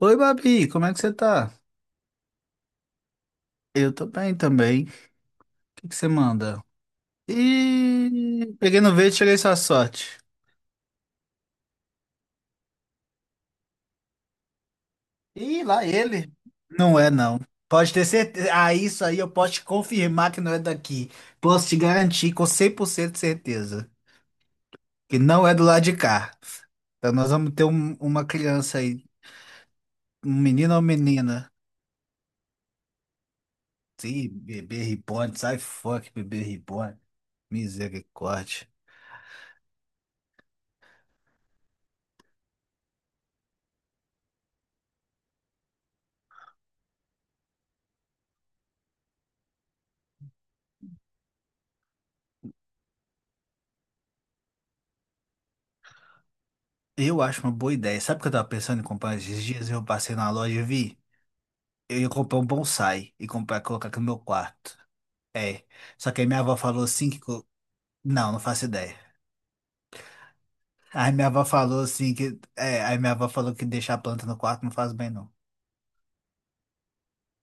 Oi, Babi, como é que você tá? Eu tô bem também. O que que você manda? E peguei no verde, cheguei sua sorte. Ih, lá ele. Não é, não. Pode ter certeza. Ah, isso aí eu posso te confirmar que não é daqui. Posso te garantir com 100% de certeza que não é do lado de cá. Então nós vamos ter uma criança aí, um menino ou menina. Sim, bebê reborn, sai fora que bebê reborn. Misericórdia. Eu acho uma boa ideia. Sabe o que eu tava pensando em comprar esses dias? Eu passei na loja e vi. Eu ia comprar um bonsai e comprar, colocar aqui no meu quarto. É. Só que aí minha avó falou assim que. Não, não faço ideia. Aí minha avó falou assim que. É, aí minha avó falou que deixar a planta no quarto não faz bem, não.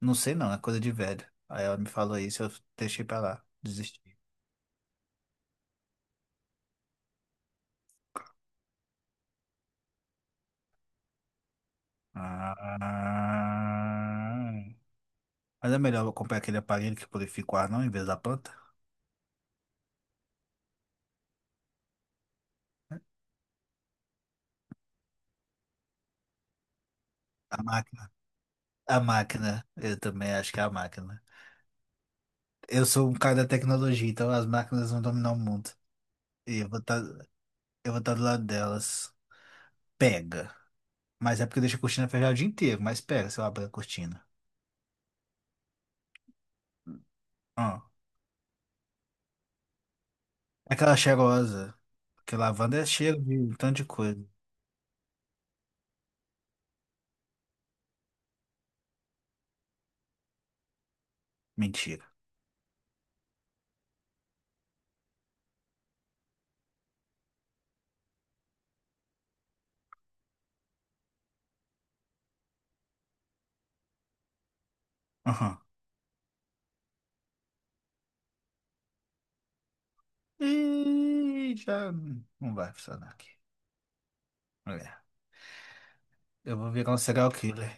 Não sei não, é coisa de velho. Aí ela me falou isso, eu deixei pra lá. Desisti. Ah. Mas é melhor eu comprar aquele aparelho que purifica o ar, não, em vez da planta? A máquina. A máquina. Eu também acho que é a máquina. Eu sou um cara da tecnologia, então as máquinas vão dominar o mundo. E eu vou estar do lado delas. Pega. Mas é porque deixa a cortina fechada o dia inteiro, mas pega se eu abrir a cortina. Ah, aquela cheirosa. Porque lavanda é cheiro de um tanto de coisa. Mentira. Aham. E já não vai funcionar aqui. É. Eu vou virar um serial killer.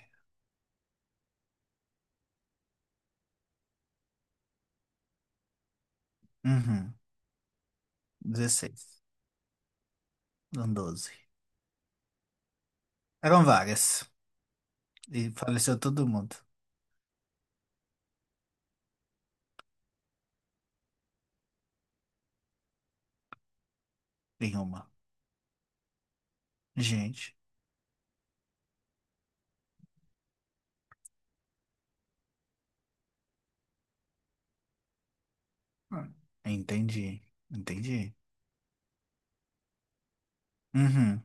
Uhum. 16. Não, 12. Eram várias. E faleceu todo mundo em uma. Gente. Hum. Entendi, entendi. Uhum,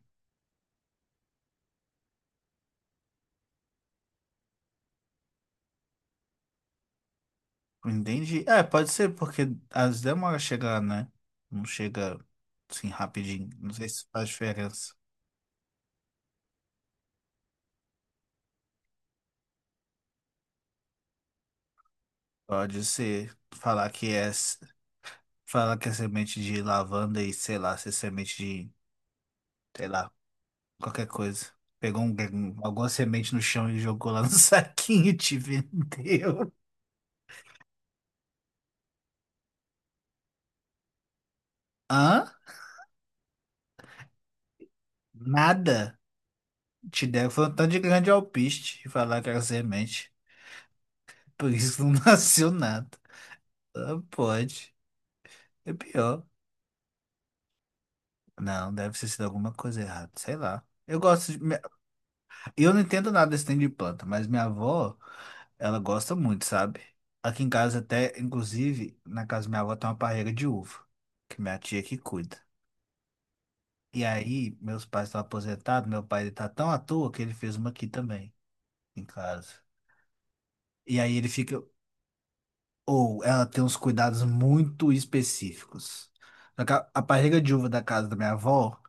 entendi. É, pode ser, porque as demoras chegar, né? Não chega assim rapidinho. Não sei se faz diferença. Pode ser falar que é, falar que é semente de lavanda e sei lá, se é semente de, sei lá, qualquer coisa. Pegou alguma semente no chão e jogou lá no saquinho e te vendeu. Hã? Nada. Te deram foi um tanto de grande alpiste e falar que era semente. Por isso não nasceu nada. Ah, pode. É pior. Não, deve ter sido alguma coisa errada. Sei lá. Eu gosto de... minha- Eu não entendo nada desse trem de planta, mas minha avó, ela gosta muito, sabe? Aqui em casa até, inclusive, na casa da minha avó tem uma parreira de uva, que minha tia que cuida. E aí, meus pais estão aposentados, meu pai ele tá tão à toa que ele fez uma aqui também, em casa. E aí ele fica... Ou ela tem uns cuidados muito específica. Só que a parreira de uva da casa da minha avó,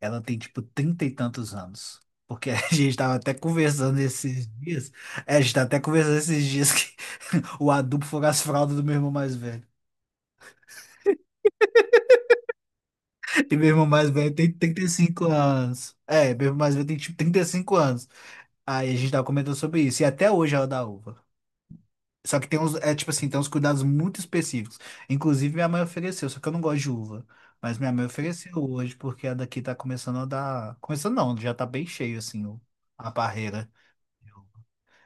ela tem tipo trinta e tantos anos. Porque a gente tava até conversando esses dias. É, a gente tá até conversando esses dias que o adubo foi as fraldas do meu irmão mais velho. E meu irmão mais velho tem 35 anos. É, meu irmão mais velho tem tipo 35 anos. Aí a gente tava comentando sobre isso. E até hoje ela dá uva. Só que tem uns, é tipo assim, tem uns cuidados muito específicos. Inclusive minha mãe ofereceu, só que eu não gosto de uva. Mas minha mãe ofereceu hoje, porque a daqui tá começando a dar. Começando não, já tá bem cheio assim, a barreira.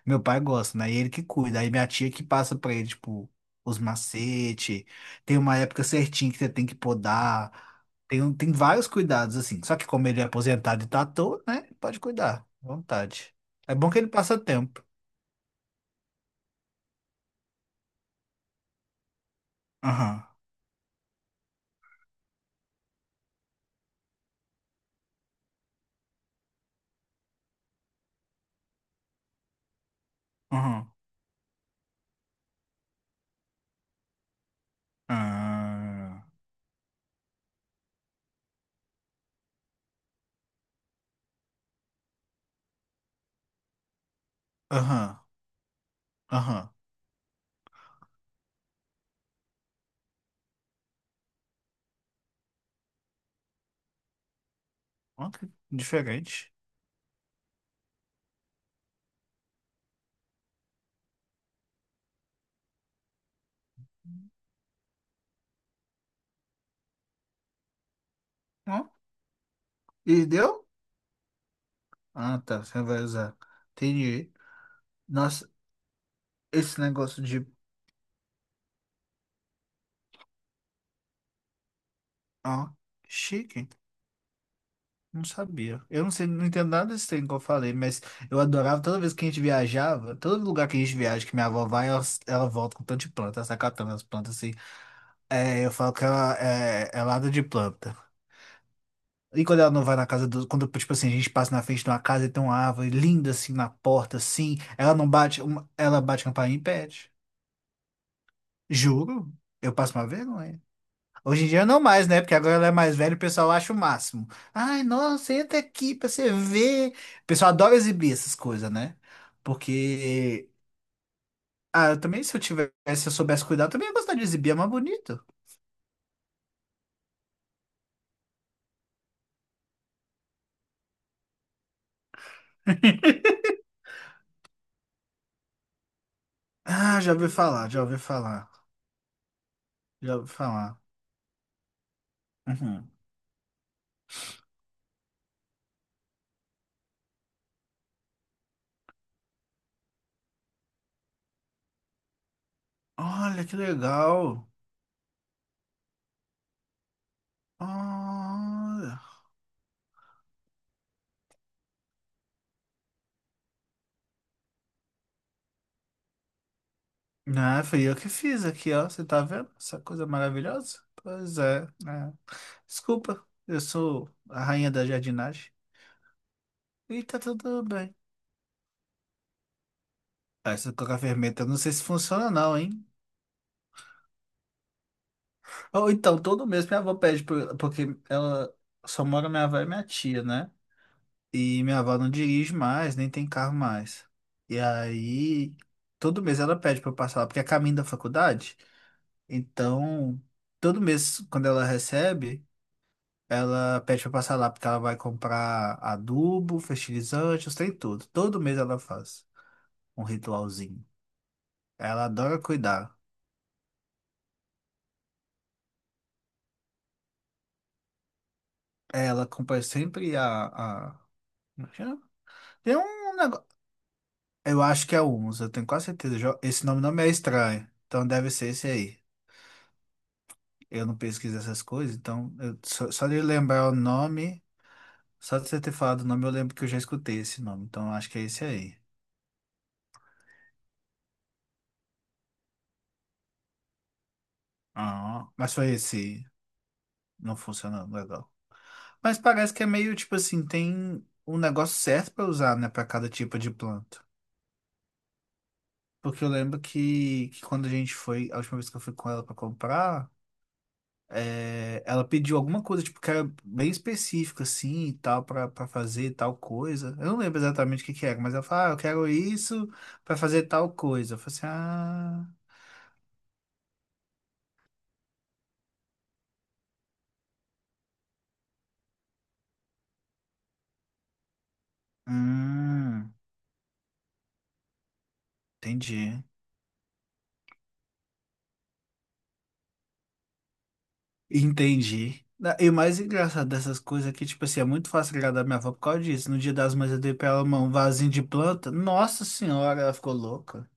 Meu pai gosta, né? E ele que cuida. Aí minha tia que passa pra ele, tipo, os macetes. Tem uma época certinha que você tem que podar. Tem, tem vários cuidados, assim. Só que como ele é aposentado e tá à toa, né? Pode cuidar, à vontade. É bom que ele passa tempo. Aham, aham, ah, aham, aham. Ó, que diferente. Ó, e deu? Ah, tá. Você vai usar. Entendi. Nossa, esse negócio de... Ó, chique. Não sabia. Eu não sei, não entendo nada desse trem que eu falei, mas eu adorava toda vez que a gente viajava, todo lugar que a gente viaja, que minha avó vai, ela volta com tanto de planta, ela sai catando as plantas assim. É, eu falo que ela é, é lada de planta. E quando ela não vai na casa do. Quando, tipo assim, a gente passa na frente de uma casa e tem uma árvore linda assim na porta, assim, ela não bate, ela bate a campainha e pede. Juro, eu passo uma vergonha. Hoje em dia não mais, né? Porque agora ela é mais velha e o pessoal acha o máximo. Ai, nossa, entra aqui pra você ver. O pessoal adora exibir essas coisas, né? Porque. Ah, eu também, se eu tivesse, se eu soubesse cuidar, eu também ia gostar de exibir, é mais bonito. Ah, já ouvi falar, já ouvi falar. Já ouvi falar. Uhum. Olha que legal. Olha. Ah, fui eu que fiz aqui, ó. Você tá vendo essa coisa maravilhosa? Pois é, né? Desculpa, eu sou a rainha da jardinagem. E tá tudo bem. Ah, essa coca fermenta, eu não sei se funciona não, hein? Ou então, todo mês minha avó pede, porque ela só mora minha avó e minha tia, né? E minha avó não dirige mais, nem tem carro mais. E aí, todo mês ela pede pra eu passar lá, porque é caminho da faculdade. Então, todo mês, quando ela recebe, ela pede pra eu passar lá, porque ela vai comprar adubo, fertilizante, os trem tudo. Todo mês ela faz um ritualzinho. Ela adora cuidar. Ela acompanha sempre a... como é que chama? Tem um negócio... Eu acho que é Humus, eu tenho quase certeza. Jo- Esse nome não me é estranho. Então deve ser esse aí. Eu não pesquiso essas coisas, então... eu- Só, só de lembrar o nome... Só de você ter falado o nome, eu lembro que eu já escutei esse nome. Então eu acho que é esse aí. Ah, mas foi esse... Não funcionando legal. Mas parece que é meio, tipo assim, tem um negócio certo pra usar, né? Pra cada tipo de planta. Porque eu lembro que quando a gente foi... A última vez que eu fui com ela pra comprar... É, ela pediu alguma coisa, tipo, que era bem específica, assim, e tal, pra, pra fazer tal coisa. Eu não lembro exatamente o que que era, mas ela falou, ah, eu quero isso pra fazer tal coisa. Eu falei assim, ah, hum, entendi. Entendi. Na- E o mais engraçado dessas coisas é que, tipo assim, é muito fácil agradar minha avó por causa disso. No dia das mães eu dei pra ela um vasinho de planta. Nossa senhora, ela ficou louca.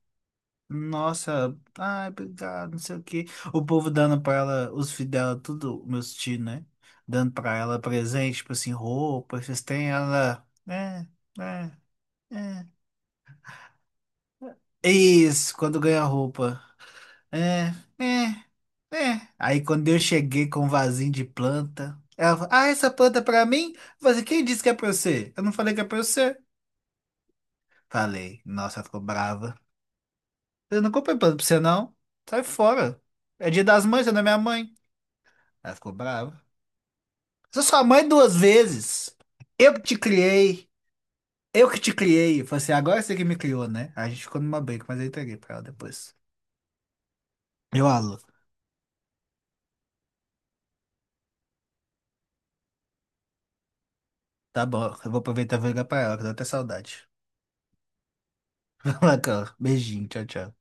Nossa, ai, obrigado, não sei o quê. O povo dando pra ela, os filhos dela, tudo, meus tios, né? Dando pra ela presente, tipo assim, roupa, vocês têm ela. É, é, é. É isso, quando ganha roupa. É, é, é. Aí quando eu cheguei com um vasinho de planta, ela falou, ah, essa planta é pra mim? Eu falei, assim, quem disse que é pra você? Eu não falei que é pra você. Falei, nossa, ela ficou brava. Eu não comprei planta pra você, não. Sai fora. É dia das mães, você não é minha mãe. Ela ficou brava. Sou sua mãe duas vezes. Eu que te criei. Eu que te criei. Eu falei assim, agora você que me criou, né? A gente ficou numa briga, mas eu entreguei pra ela depois. Eu, alô, tá bom, eu vou aproveitar e vou ligar pra ela, que eu tô até saudade. Bacana. Beijinho, tchau, tchau.